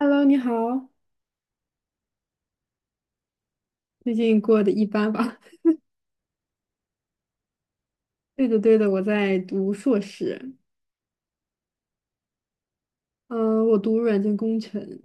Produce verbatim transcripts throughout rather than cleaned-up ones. Hello，你好，最近过得一般吧？对的，对的，我在读硕士。嗯，我读软件工程。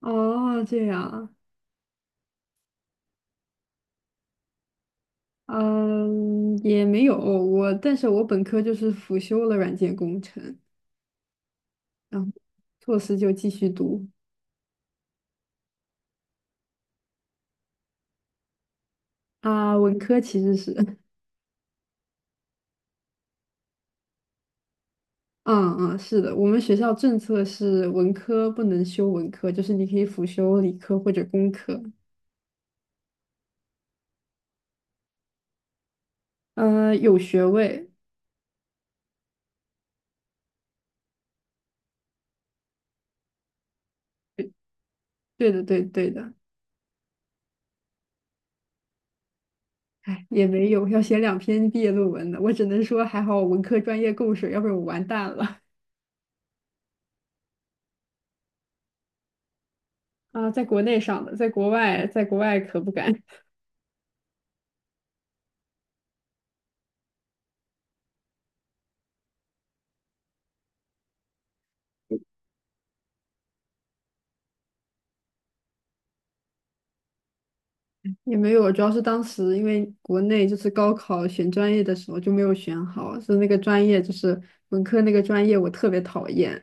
哦，这样。嗯，也没有我，但是我本科就是辅修了软件工程，然后硕士就继续读。啊，文科其实是，嗯嗯，是的，我们学校政策是文科不能修文科，就是你可以辅修理科或者工科。呃，有学位，对对的，对对的。哎，也没有，要写两篇毕业论文的。我只能说，还好我文科专业够水，要不然我完蛋了。啊，在国内上的，在国外，在国外可不敢。也没有，主要是当时因为国内就是高考选专业的时候就没有选好，是那个专业就是文科那个专业我特别讨厌。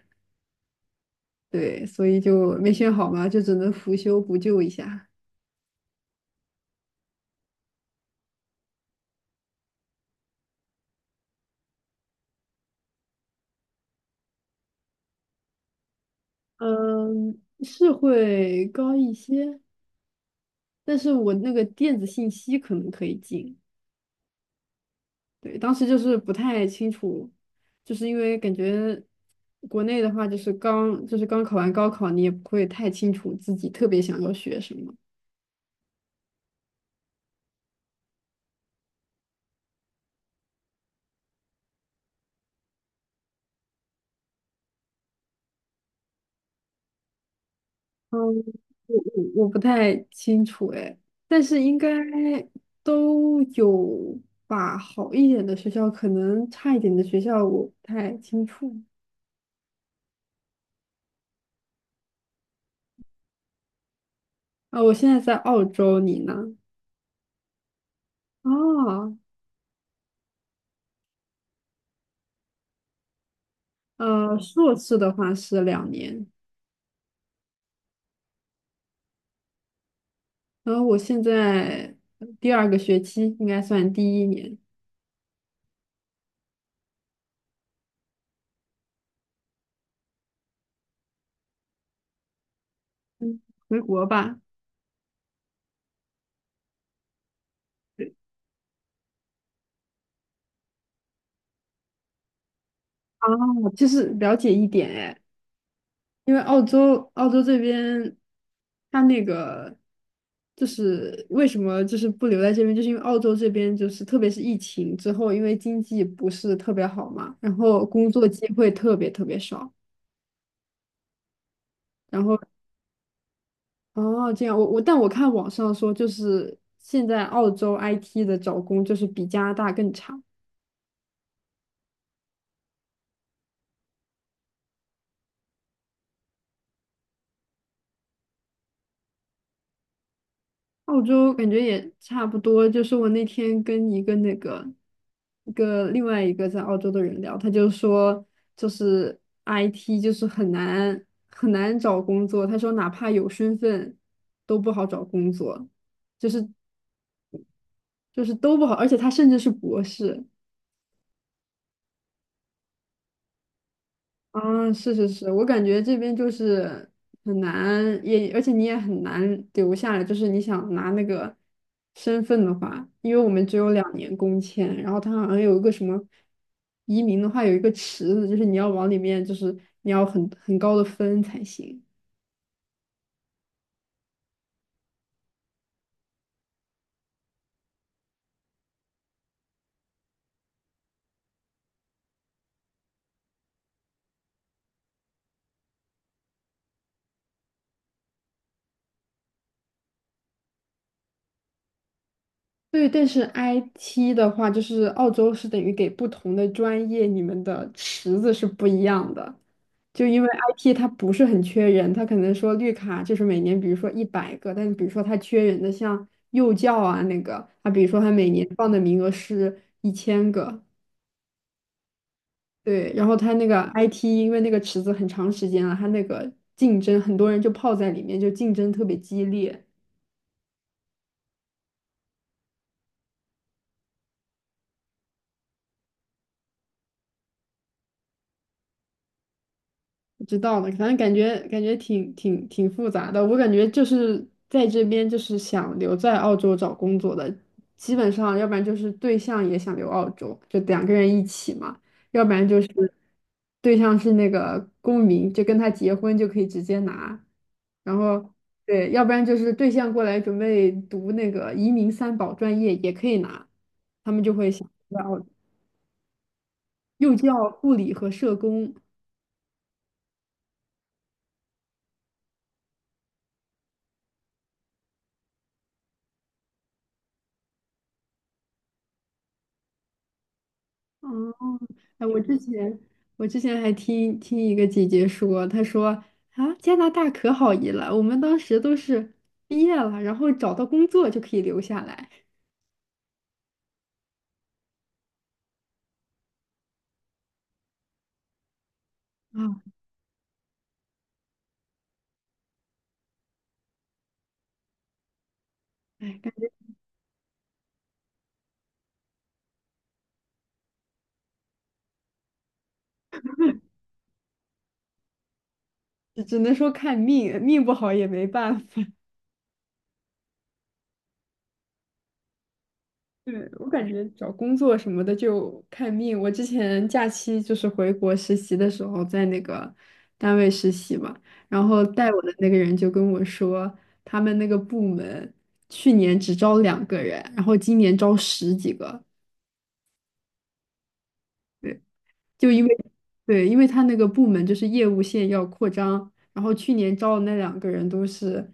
对，所以就没选好嘛，就只能辅修补救一下。嗯，是会高一些，但是我那个电子信息可能可以进。对，当时就是不太清楚，就是因为感觉国内的话，就是刚就是刚考完高考，你也不会太清楚自己特别想要学什么。嗯，我我我不太清楚哎，但是应该都有吧，好一点的学校，可能差一点的学校我不太清楚。啊，我现在在澳洲，你呢？啊，呃，硕士的话是两年。然后我现在第二个学期应该算第一年。嗯，回国吧。啊，就是了解一点哎，因为澳洲澳洲这边，它那个就是为什么就是不留在这边，就是因为澳洲这边就是特别是疫情之后，因为经济不是特别好嘛，然后工作机会特别特别少。然后哦这样，我我但我看网上说就是现在澳洲 I T 的找工就是比加拿大更差。澳洲感觉也差不多，就是我那天跟一个那个一个另外一个在澳洲的人聊，他就说就是 I T 就是很难很难找工作，他说哪怕有身份都不好找工作，就是都不好，而且他甚至是博士。啊，是是是，我感觉这边就是很难，也而且你也很难留下来。就是你想拿那个身份的话，因为我们只有两年工签，然后它好像有一个什么移民的话，有一个池子，就是你要往里面，就是你要很很高的分才行。对，但是 I T 的话，就是澳洲是等于给不同的专业，你们的池子是不一样的。就因为 I T 它不是很缺人，它可能说绿卡就是每年，比如说一百个，但比如说它缺人的像幼教啊那个，它比如说它每年放的名额是一千个。对，然后它那个 I T 因为那个池子很长时间了，它那个竞争很多人就泡在里面，就竞争特别激烈。不知道呢，反正感觉感觉挺挺挺复杂的。我感觉就是在这边，就是想留在澳洲找工作的，基本上要不然就是对象也想留澳洲，就两个人一起嘛；要不然就是对象是那个公民，就跟他结婚就可以直接拿。然后对，要不然就是对象过来准备读那个移民三保专业也可以拿，他们就会想留在澳洲幼教、护理和社工。哦，哎，我之前我之前还听听一个姐姐说，她说啊，加拿大可好移了，我们当时都是毕业了，然后找到工作就可以留下来。啊，哎，感只只能说看命，命不好也没办法。对，我感觉找工作什么的就看命。我之前假期就是回国实习的时候，在那个单位实习嘛，然后带我的那个人就跟我说，他们那个部门去年只招两个人，然后今年招十几个。对，就因为对，因为他那个部门就是业务线要扩张，然后去年招的那两个人都是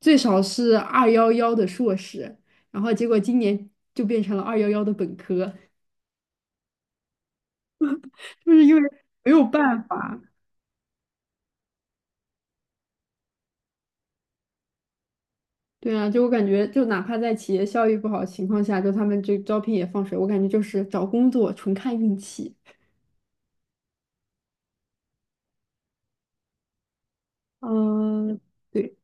最少是二幺幺的硕士，然后结果今年就变成了二幺幺的本科。就是因为没有办法。对啊，就我感觉，就哪怕在企业效益不好的情况下，就他们这招聘也放水，我感觉就是找工作纯看运气。嗯，对。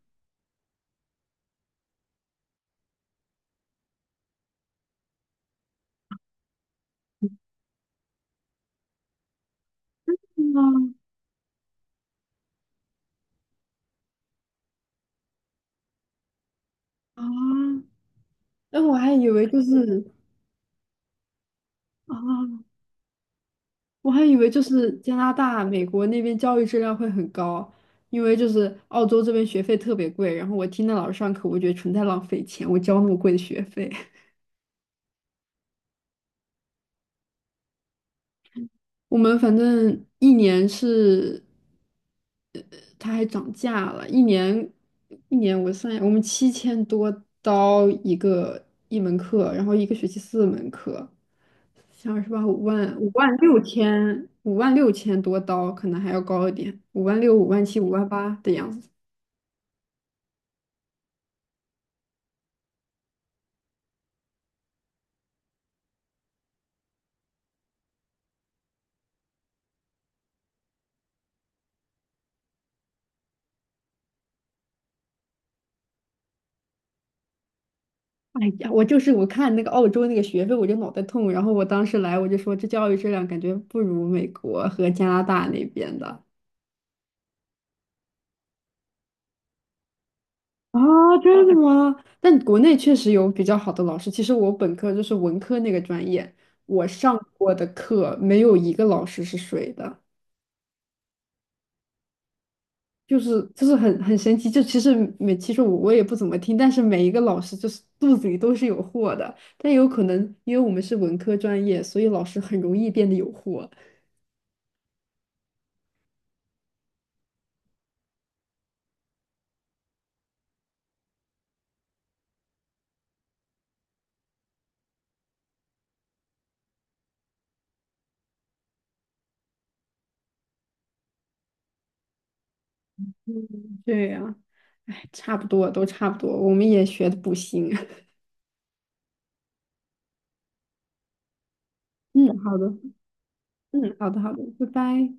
嗯啊，那我还以为就是啊，我还以为就是加拿大、美国那边教育质量会很高，因为就是澳洲这边学费特别贵。然后我听那老师上课，我觉得纯在浪费钱，我交那么贵的学费。我们反正一年是它还涨价了，一年一年我算一下，我们七千多刀一个一门课，然后一个学期四门课，像是吧五万五万六千五万六千多刀，可能还要高一点，五万六五万七五万八的样子。哎呀，我就是我看那个澳洲那个学费，我就脑袋痛。然后我当时来，我就说这教育质量感觉不如美国和加拿大那边的。啊，真的吗？但国内确实有比较好的老师。其实我本科就是文科那个专业，我上过的课没有一个老师是水的，就是就是很很神奇。就其实每其实我我也不怎么听，但是每一个老师就是肚子里都是有货的。但有可能因为我们是文科专业，所以老师很容易变得有货。对呀，哎，差不多都差不多，我们也学的不行。嗯，好的，嗯，好的好的，拜拜。